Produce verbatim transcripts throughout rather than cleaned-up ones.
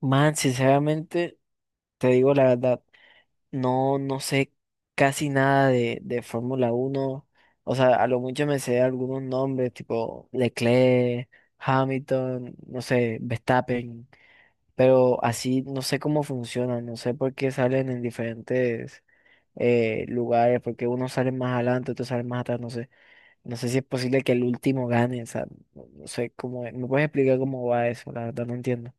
Man, sinceramente, te digo la verdad, no, no sé casi nada de, de Fórmula uno. O sea, a lo mucho me sé algunos nombres, tipo Leclerc, Hamilton, no sé, Verstappen, pero así no sé cómo funcionan, no sé por qué salen en diferentes eh, lugares, porque unos salen más adelante, otros salen más atrás, no sé. No sé si es posible que el último gane, o sea, no no sé cómo es. ¿Me puedes explicar cómo va eso? La verdad no entiendo.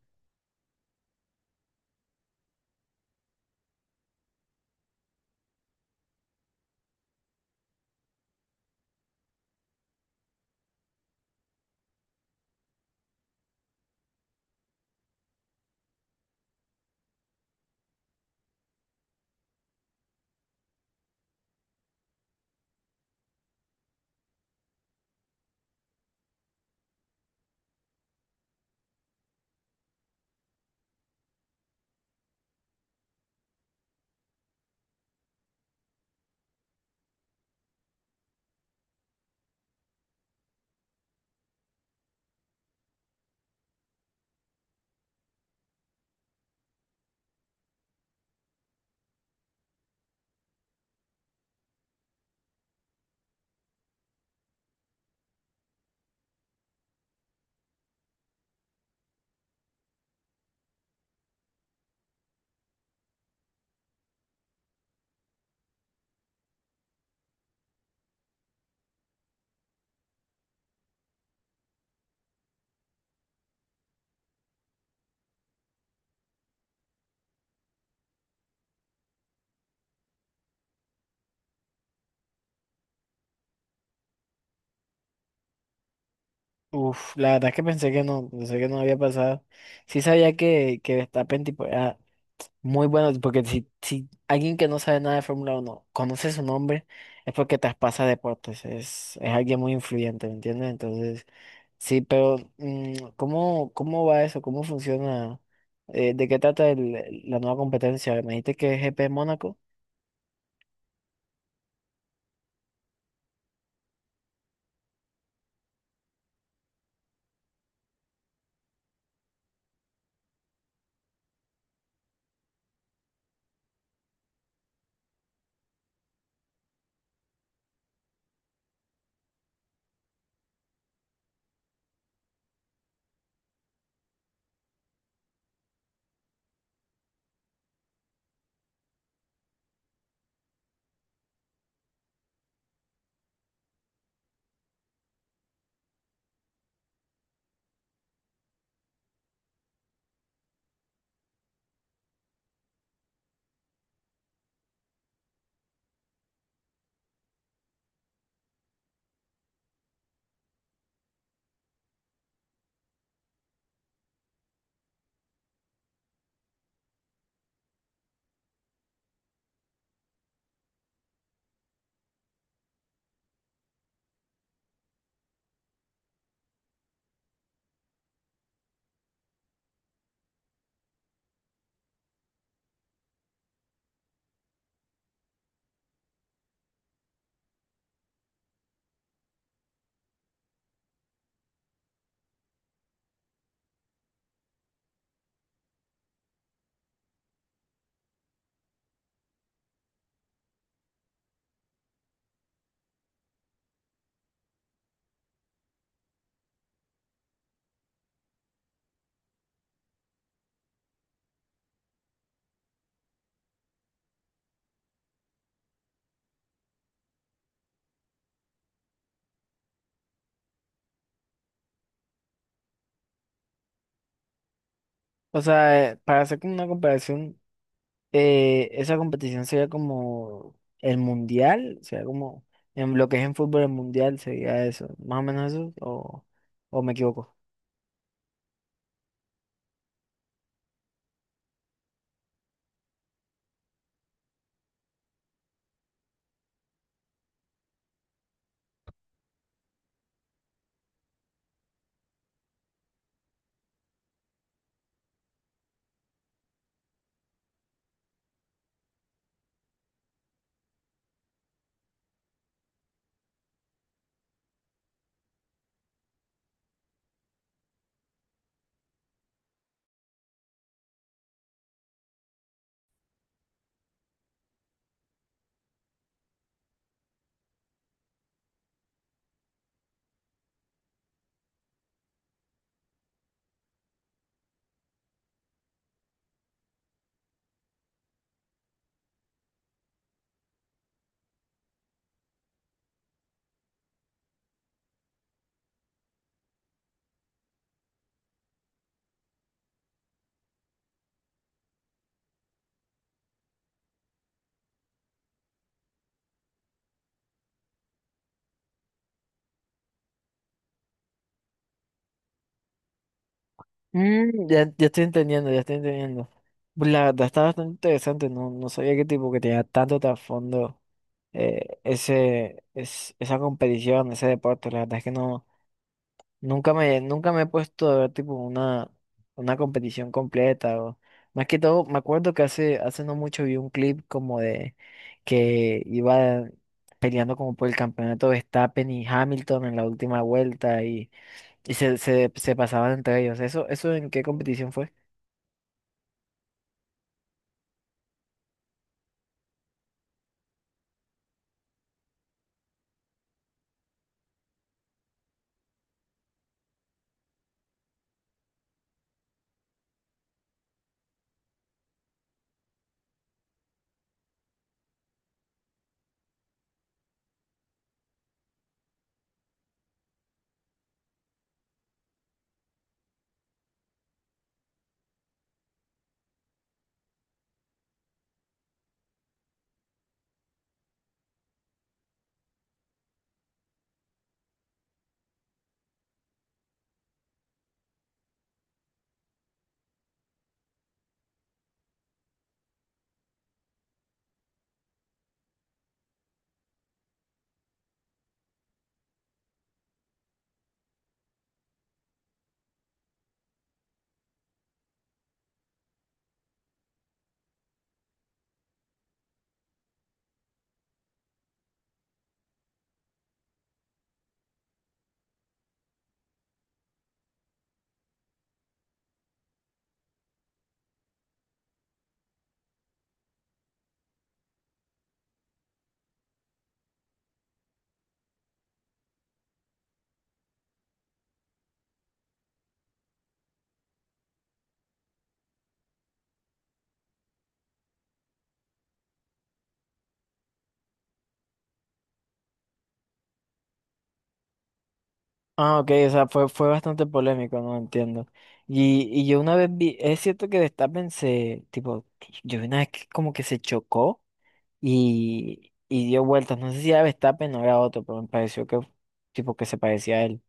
Uf, la verdad es que pensé que no, pensé que no había pasado. Sí sabía que, que Verstappen tipo era muy bueno, porque si, si alguien que no sabe nada de Fórmula uno conoce su nombre, es porque traspasa deportes, es, es alguien muy influyente, ¿me entiendes? Entonces, sí, pero mm, ¿cómo, cómo va eso? ¿Cómo funciona? Eh, ¿de qué trata el- la nueva competencia? Me dijiste que es G P Mónaco. O sea, eh, para hacer como una comparación, eh, esa competición sería como el mundial, sería como en lo que es en fútbol el mundial, sería eso, más o menos eso, o, o me equivoco. Mm, ya, ya estoy entendiendo, ya estoy entendiendo. Pues la verdad está bastante interesante, no, no sabía qué tipo que tenía tanto trasfondo, eh, ese, es, esa competición, ese deporte, la verdad es que no. Nunca me, nunca me he puesto a ver tipo una, una competición completa o más que todo, me acuerdo que hace, hace no mucho vi un clip como de que iba peleando como por el campeonato Verstappen y Hamilton en la última vuelta y, y se, se, se pasaban entre ellos. ¿Eso, eso en qué competición fue? Ah, ok, o sea, fue, fue bastante polémico, no entiendo. Y, y yo una vez vi, es cierto que Verstappen se, tipo, yo vi una vez que como que se chocó. Y, y dio vueltas. No sé si era Verstappen o era otro, pero me pareció que tipo que se parecía a él.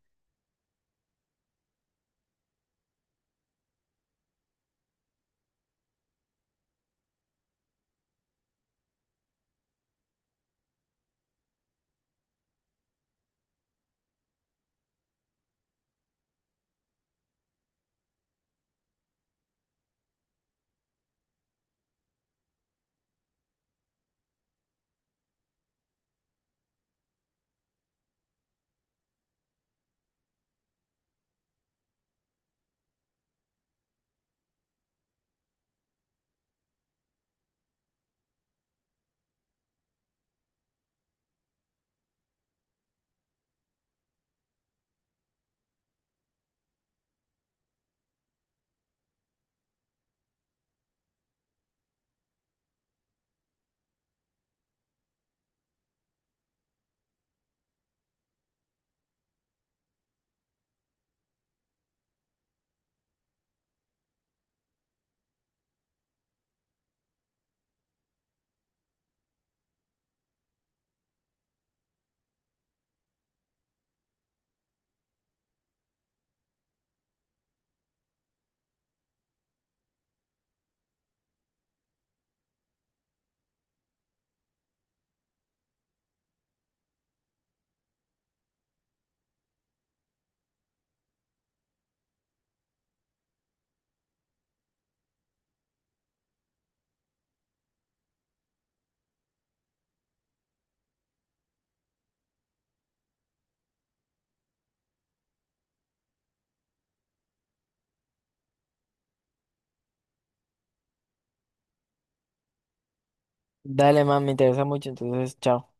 Dale, man, me interesa mucho, entonces, chao.